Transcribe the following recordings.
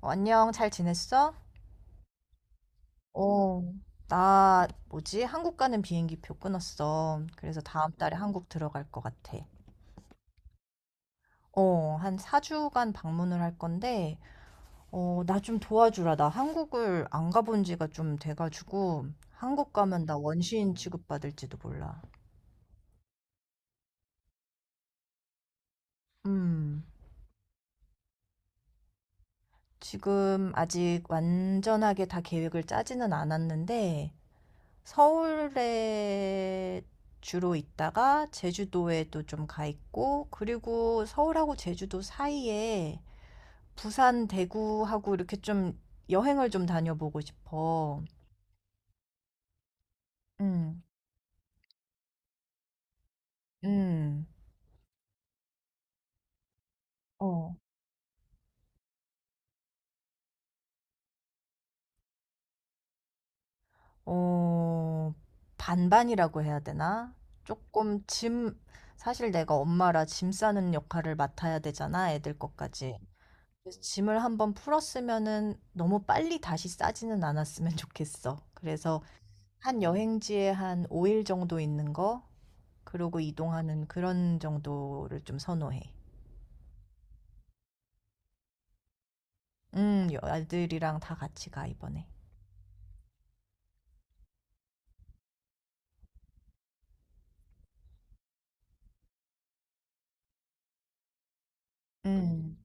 안녕, 잘 지냈어? 어, 나, 뭐지? 한국 가는 비행기 표 끊었어. 그래서 다음 달에 한국 들어갈 것 같아. 한 4주간 방문을 할 건데, 나 좀 도와주라. 나 한국을 안 가본 지가 좀 돼가지고, 한국 가면 나 원시인 취급받을지도 몰라. 음, 지금 아직 완전하게 다 계획을 짜지는 않았는데, 서울에 주로 있다가 제주도에도 좀 가 있고, 그리고 서울하고 제주도 사이에 부산, 대구하고 이렇게 좀 여행을 좀 다녀보고 싶어. 음, 음, 어, 어, 반반이라고 해야 되나? 조금 짐, 사실 내가 엄마라 짐 싸는 역할을 맡아야 되잖아, 애들 것까지. 그래서 짐을 한번 풀었으면은 너무 빨리 다시 싸지는 않았으면 좋겠어. 그래서 한 여행지에 한 5일 정도 있는 거, 그러고 이동하는 그런 정도를 좀 선호해. 아들이랑 다 같이 가, 이번에. 음,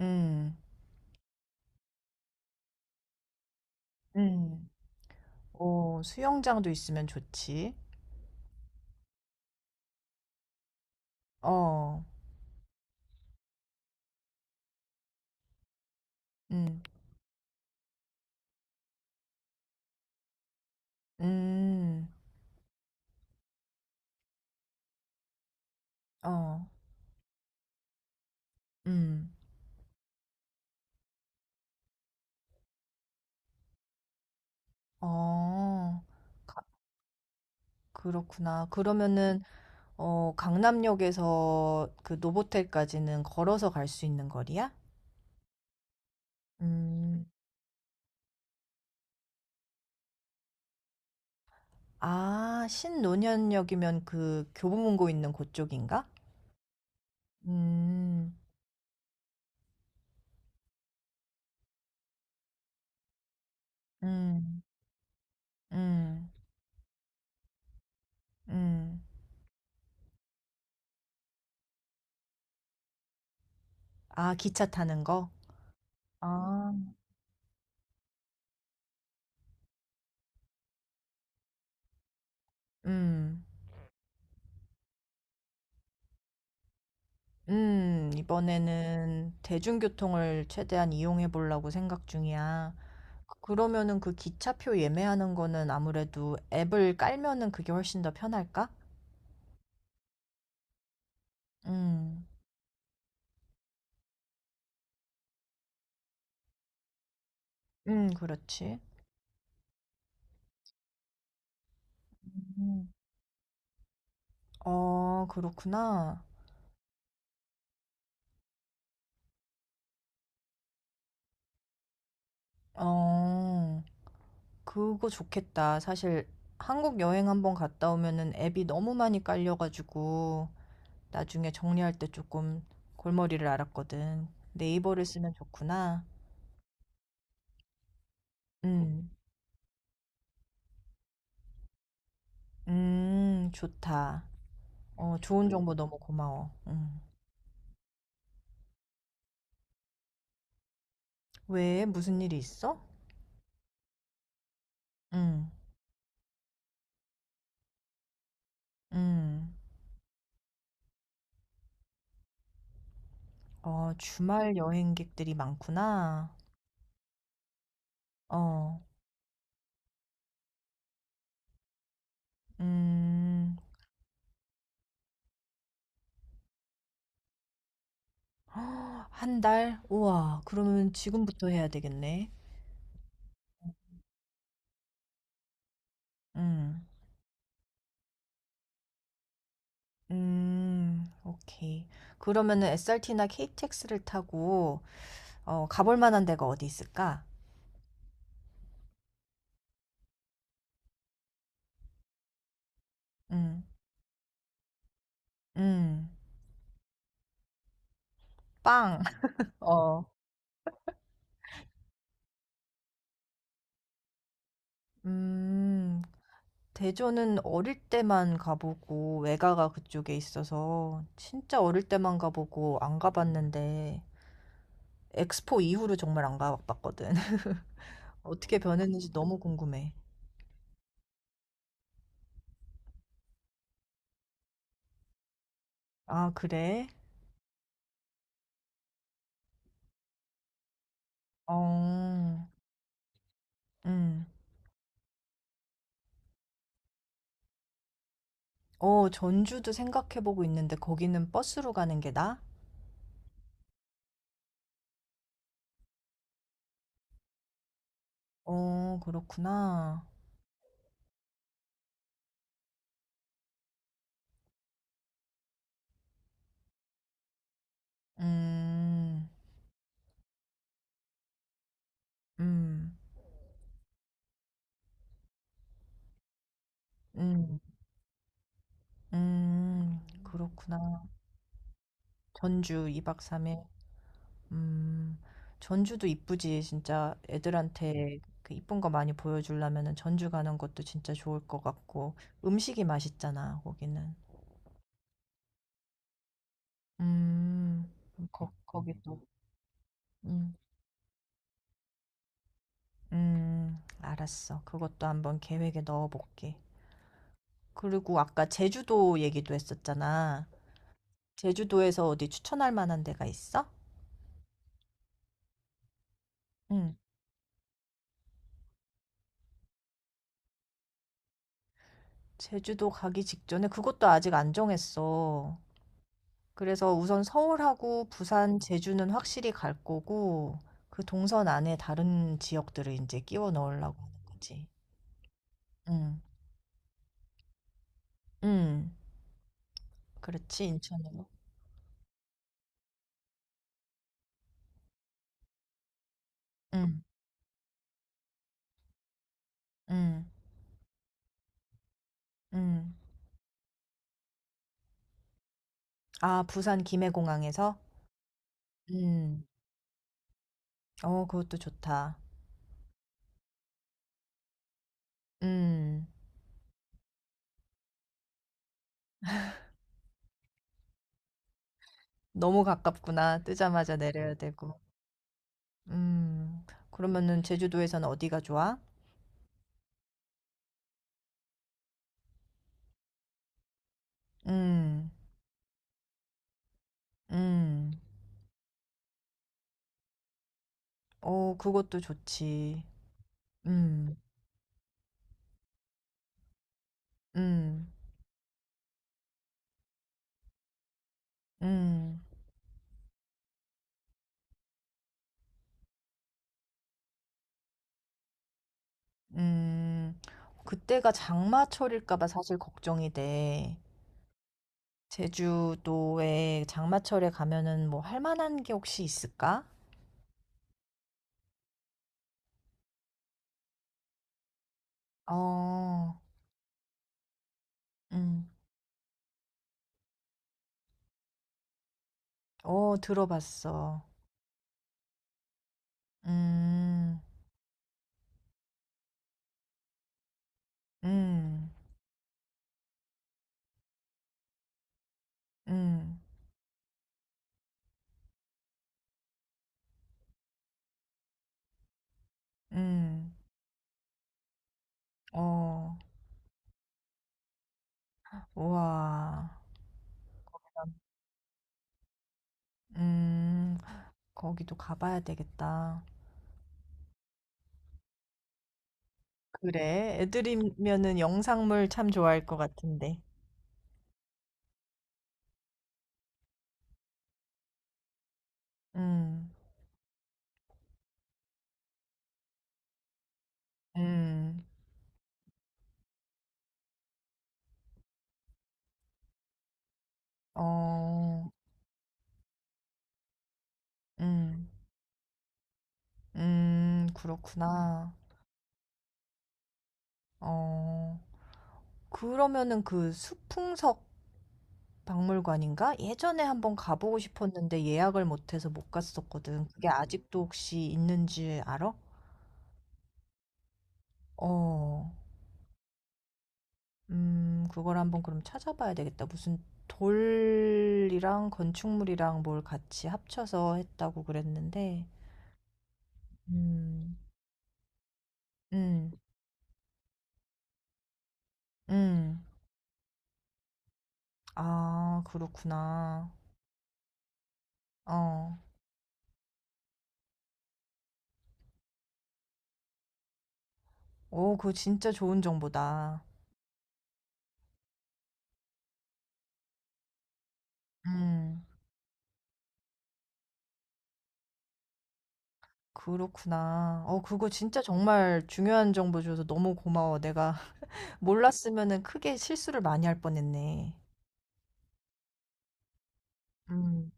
음, 음. 오, 수영장도 있으면 좋지. 어, 음, 음, 어, 음, 어. 가- 그렇구나. 그러면은, 어, 강남역에서 그 노보텔까지는 걸어서 갈 수 있는 거리야? 음. 아 신논현역이면 그 교보문고 있는 그쪽인가? 음. 음. 음. 음. 아 기차 타는 거? 아. 음. 음. 이번에는 대중교통을 최대한 이용해 보려고 생각 중이야. 그러면은 그 기차표 예매하는 거는 아무래도 앱을 깔면은 그게 훨씬 더 편할까? 음. 그렇지. 음. 어, 그렇구나. 어. 그거 좋겠다. 사실 한국 여행 한번 갔다 오면은 앱이 너무 많이 깔려가지고 나중에 정리할 때 조금 골머리를 앓았거든. 네이버를 쓰면 좋구나. 음, 좋다. 어, 좋은 정보 너무 고마워. 음. 왜? 무슨 일이 있어? 음, 음. 어, 주말 여행객들이 많구나. 어, 음. 헉, 한 달? 우와, 그러면 지금부터 해야 되겠네. 음. 음. 오케이. 그러면은 SRT나 KTX를 타고 어 가볼 만한 데가 어디 있을까? 음. 음. 빵. 어. 음. 대전은 어릴 때만 가 보고 외가가 그쪽에 있어서 진짜 어릴 때만 가 보고 안 가 봤는데 엑스포 이후로 정말 안 가 봤거든. 어떻게 변했는지 너무 궁금해. 아 그래? 어. 음. 어 전주도 생각해 보고 있는데 거기는 버스로 가는 게 나아? 어 그렇구나. 음. 음. 음. 음. 그렇구나. 전주 2박 3일. 음. 전주도 이쁘지. 진짜 애들한테 그 이쁜 거 많이 보여주려면은 전주 가는 것도 진짜 좋을 것 같고 음식이 맛있잖아, 거기는. 음. 그럼 거 거기 또 음. 음. 알았어. 그것도 한번 계획에 넣어 볼게. 그리고 아까 제주도 얘기도 했었잖아. 제주도에서 어디 추천할 만한 데가 있어? 응. 제주도 가기 직전에 그것도 아직 안 정했어. 그래서 우선 서울하고 부산, 제주는 확실히 갈 거고, 그 동선 안에 다른 지역들을 이제 끼워 넣으려고 하는 거지. 응, 응. 그렇지, 인천으로. 응, 응, 응. 아, 부산 김해공항에서? 응. 어, 그것도 좋다. 응. 너무 가깝구나. 뜨자마자 내려야 되고. 음. 그러면은 제주도에서는 어디가 좋아? 음. 음. 어, 그것도 좋지. 음. 음. 음. 음. 그때가 장마철일까 봐 사실 걱정이 돼. 제주도에 장마철에 가면은 뭐 할 만한 게 혹시 있을까? 어. 음. 어, 들어봤어. 음. 음. 음. 음. 어. 우와. 음. 거기도 가 봐야 되겠다. 그래. 애들이면은 영상물 참 좋아할 것 같은데. 음. 음. 어. 음. 음. 그렇구나. 어. 그러면은 그 수풍석 박물관인가? 예전에 한번 가보고 싶었는데 예약을 못 해서 못 갔었거든. 그게 아직도 혹시 있는지 알아? 어. 그걸 한번 그럼 찾아봐야 되겠다. 무슨 돌이랑 건축물이랑 뭘 같이 합쳐서 했다고 그랬는데, 음, 음, 음. 아, 그렇구나. 어, 오, 그거 진짜 좋은 정보다. 음, 그렇구나. 어, 그거 진짜 정말 중요한 정보 줘서 너무 고마워. 내가 몰랐으면은 크게 실수를 많이 할 뻔했네. 음.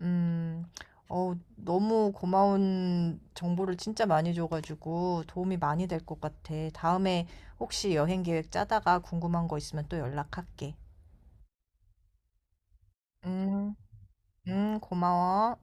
음. 어 너무 고마운 정보를 진짜 많이 줘 가지고 도움이 많이 될 것 같아. 다음에 혹시 여행 계획 짜다가 궁금한 거 있으면 또 연락할게. 음. 음. 고마워.